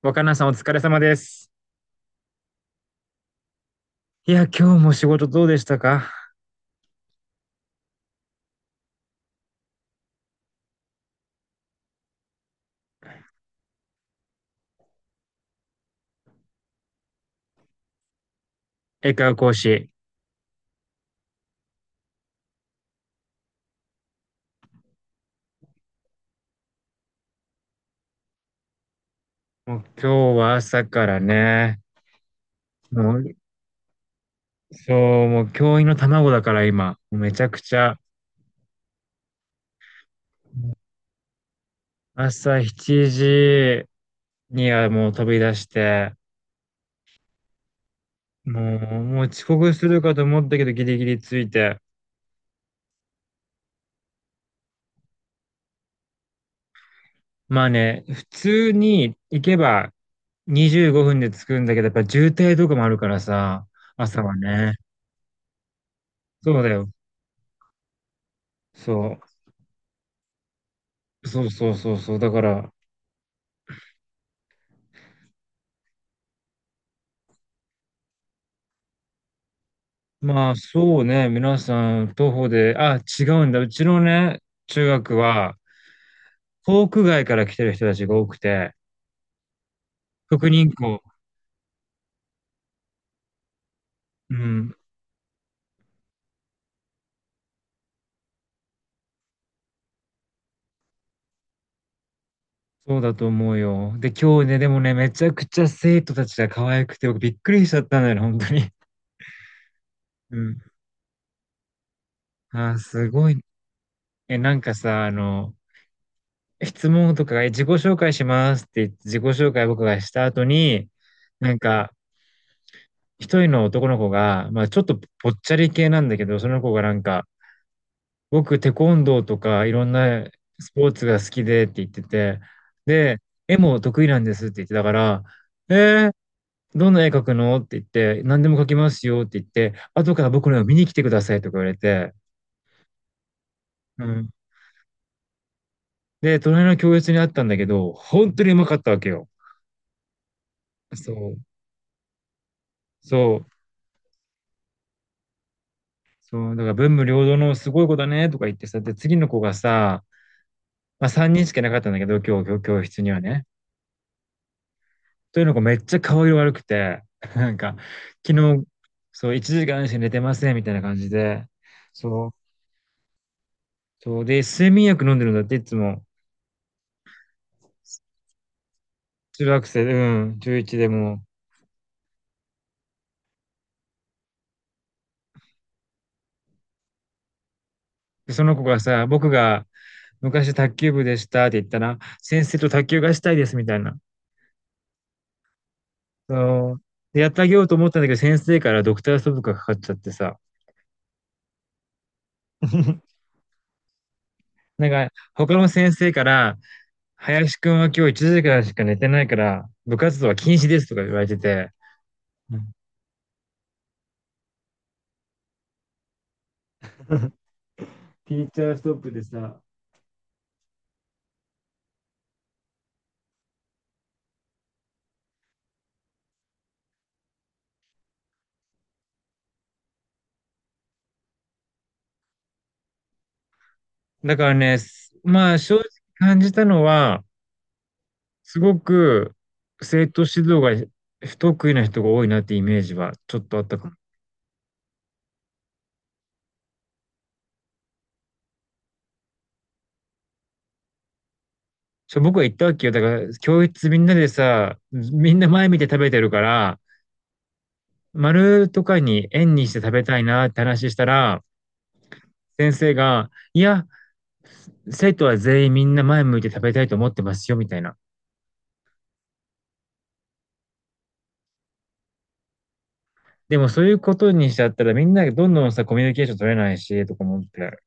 若菜さんお疲れ様です。いや、今日も仕事どうでしたか？英会話講師。もう今日は朝からね、もう、そう、もう教員の卵だから今、もうめちゃくちゃ、朝7時にはもう飛び出して、もう遅刻するかと思ったけどギリギリついて。まあね、普通に行けば25分で着くんだけど、やっぱ渋滞とかもあるからさ、朝はね。そうだよ。そそうそうそうそう。だから、まあ、そうね。皆さん、徒歩で、あ、違うんだ。うちのね、中学は、航空外から来てる人たちが多くて、特にこう、うん、そうだと思うよ。で、今日ね、でもね、めちゃくちゃ生徒たちが可愛くて、僕びっくりしちゃったんだよね、本当に。うん。あー、すごい。え、なんかさ、あの、質問とかが、自己紹介しますって言って、自己紹介僕がした後に、なんか、一人の男の子が、まあ、ちょっとぽっちゃり系なんだけど、その子がなんか、僕、テコンドーとかいろんなスポーツが好きでって言ってて、で、絵も得意なんですって言ってたから、えー、どんな絵描くのって言って、何でも描きますよって言って、後から僕の絵を見に来てくださいとか言われて、うん。で、隣の教室にあったんだけど、本当にうまかったわけよ。そう、そう、そう、だから文武両道のすごい子だねとか言ってさ、で、次の子がさ、まあ3人しかいなかったんだけど、今日教室にはね。というのがめっちゃ顔色悪くて、なんか、昨日、そう、1時間しか寝てませんみたいな感じで、そう、そう、で、睡眠薬飲んでるんだって、いつも。中学生、うん、11でも。でその子がさ、僕が昔卓球部でしたって言ったら、先生と卓球がしたいですみたいな。そう。で、やってあげようと思ったんだけど、先生からドクターストップがかかっちゃってさ。他の先生から、林くんは今日1時間しか寝てないから、部活動は禁止ですとか言われてて、うんティーチャーストップでさ、だからまあ正直感じたのは、すごく生徒指導が不得意な人が多いなってイメージはちょっとあったかも。そう僕は言ったわけよ。だから教室みんなでさ、みんな前見て食べてるから、丸とかに円にして食べたいなって話したら、先生が、いや、生徒は全員みんな前向いて食べたいと思ってますよ、みたいな。でもそういうことにしちゃったらみんながどんどんさ、コミュニケーション取れないし、とか思って。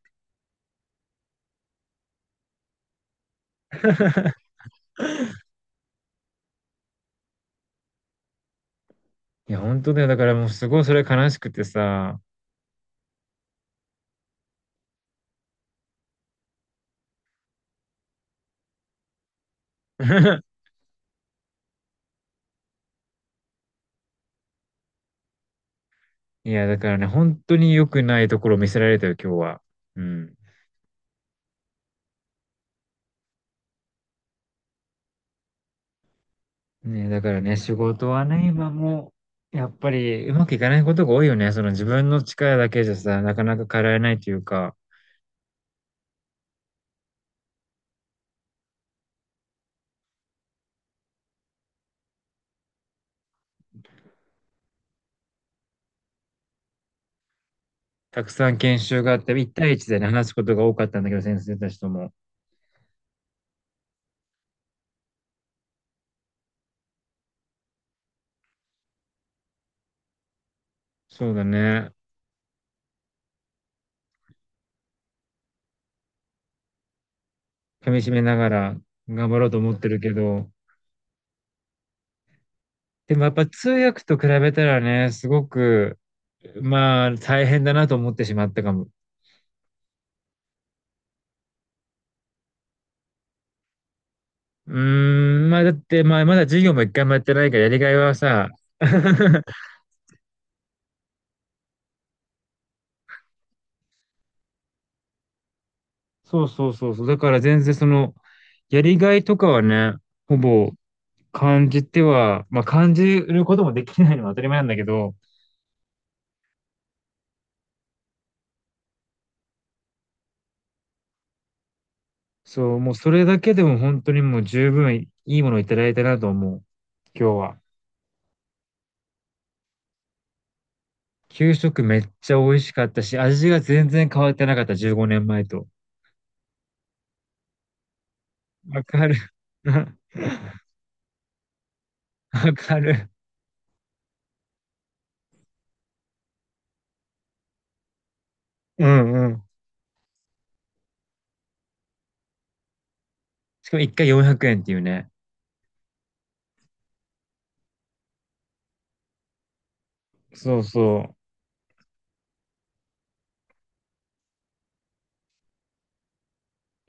いや、本当だよ。だからもうすごいそれ悲しくてさ。いや、だからね、本当に良くないところを見せられたよ、今日は。うん。ね、だからね、仕事はね、今もう、やっぱりうまくいかないことが多いよね。その自分の力だけじゃさ、なかなか変えられないというか、たくさん研修があって、1対1でね、話すことが多かったんだけど、先生たちとも。そうだね。噛み締めながら頑張ろうと思ってるけど、でもやっぱ通訳と比べたらね、すごく、まあ大変だなと思ってしまったかも。うーん、まあだってまあまだ授業も一回もやってないからやりがいはさ、そうそうそうそう。だから全然その、やりがいとかはね、ほぼ感じては、まあ感じることもできないのは当たり前なんだけど、そう、もうそれだけでも本当にもう十分いいものをいただいたなと思う、今日は。給食めっちゃ美味しかったし、味が全然変わってなかった、15年前と。わかる。わかる。うんうん。しかも一回400円っていうね。そうそ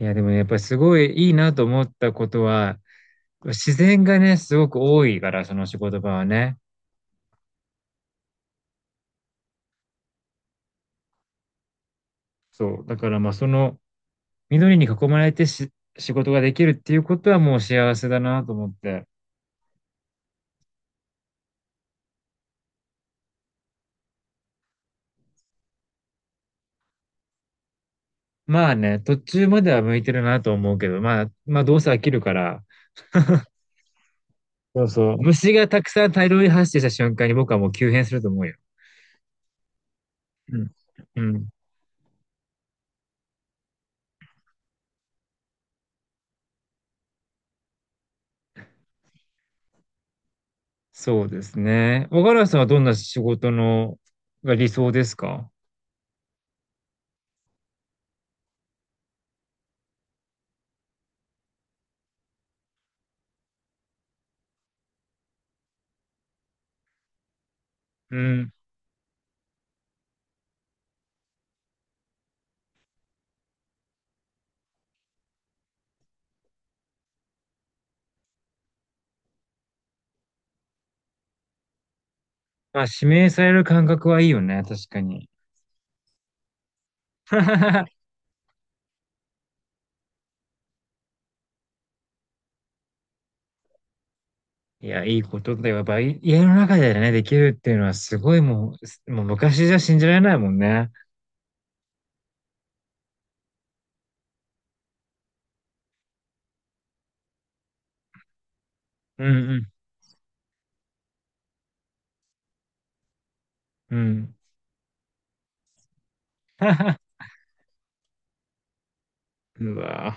ういや、でもねやっぱりすごいいいなと思ったことは、自然がね、すごく多いから、その仕事場はね。そう。だからまあその、緑に囲まれてし仕事ができるっていうことはもう幸せだなと思って。まあね、途中までは向いてるなと思うけど、まあどうせ飽きるから、そうそう。虫がたくさん大量に発生した瞬間に僕はもう急変すると思うよ。うん。うん。そうですね。若林さんはどんな仕事のが理想ですか？うん。まあ、指名される感覚はいいよね、確かに。いや、いいことだよ。やっぱい家の中でね、できるっていうのはすごいもう、もう昔じゃ信じられないもんね。うんうん。うん。うわ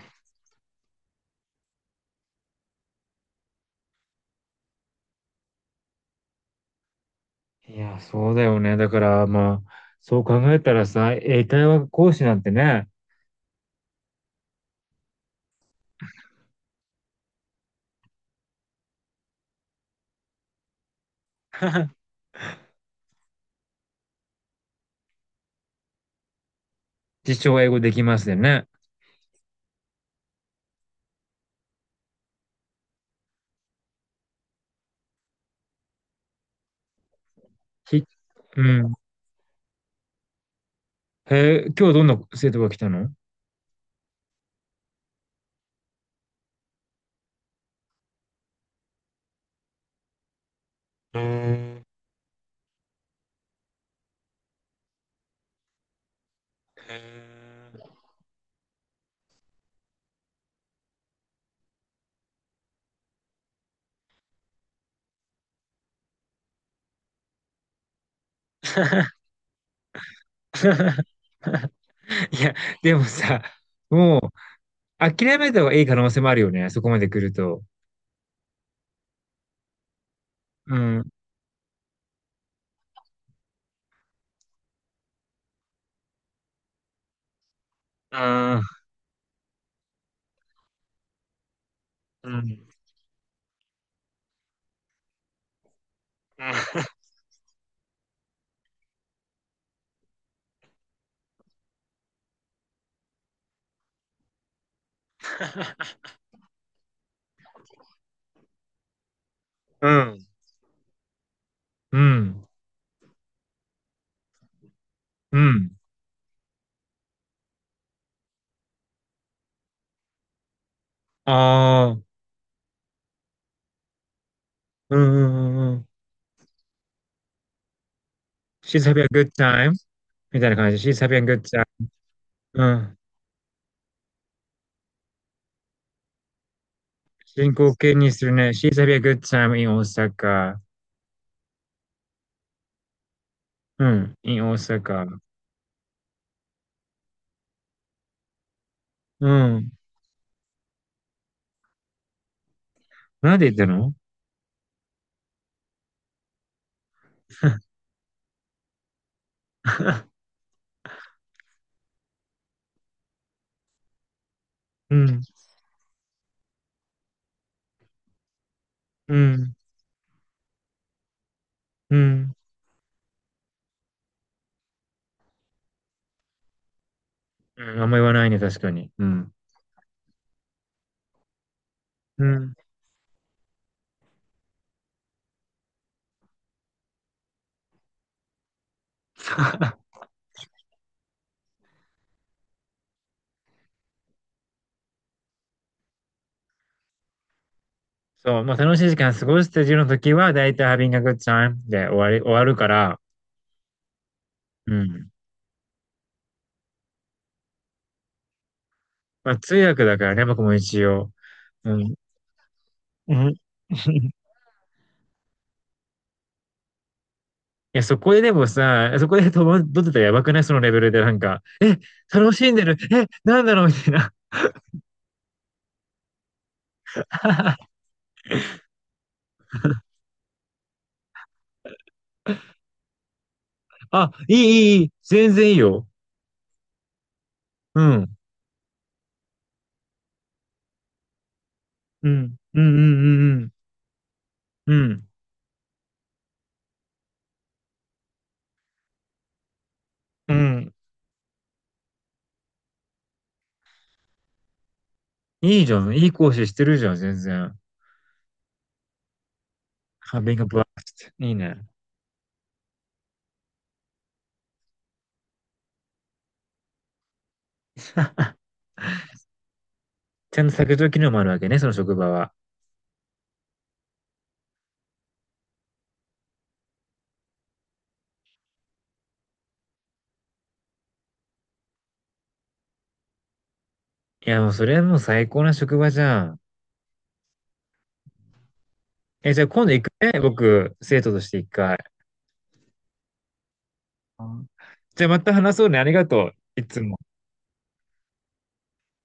いや、そうだよね。だから、まあ、そう考えたらさ、英会話講師なんてね、自称英語できますよね。ひ、うん。へえ、今日どんな生徒が来たの？うーん。いや、でもさ、もう、諦めた方がいい可能性もあるよね、そこまで来ると。うん。ああ、うん。うん。うん。うん。ああ、うんうんうんうん。She's having a good time？ みたいな感じ。She's having a good time。 うん。進行形にするね。She's having a good time in Osaka。 うん。in Osaka。 うん。なんで言ったの？ うん。うん。うん。うん、あんま言わないね、確かに。うん。うん。そう、まあ楽しい時間過ごしてるの時は、だいたい having a good time で終わり、終わるから、うん。まあ通訳だからね、僕も一応。うん。うん。いや、そこででもさ、そこで戸惑ってたらやばくない？そのレベルでなんか、楽しんでる。え、なんだろうみたいな。あ、いい、いい、いい。全然いいよ。うん。うん。うん、うん、うん、うん。うん。うん。いいじゃん。いい講師してるじゃん、全然。having a blast。 いいね。ちゃんと削除機能もあるわけね、その職場は。いや、もうそれはもう最高な職場じゃん。え、じゃあ今度行くね、僕、生徒として一回。うんじゃあまた話そうね、ありがとう。いつも。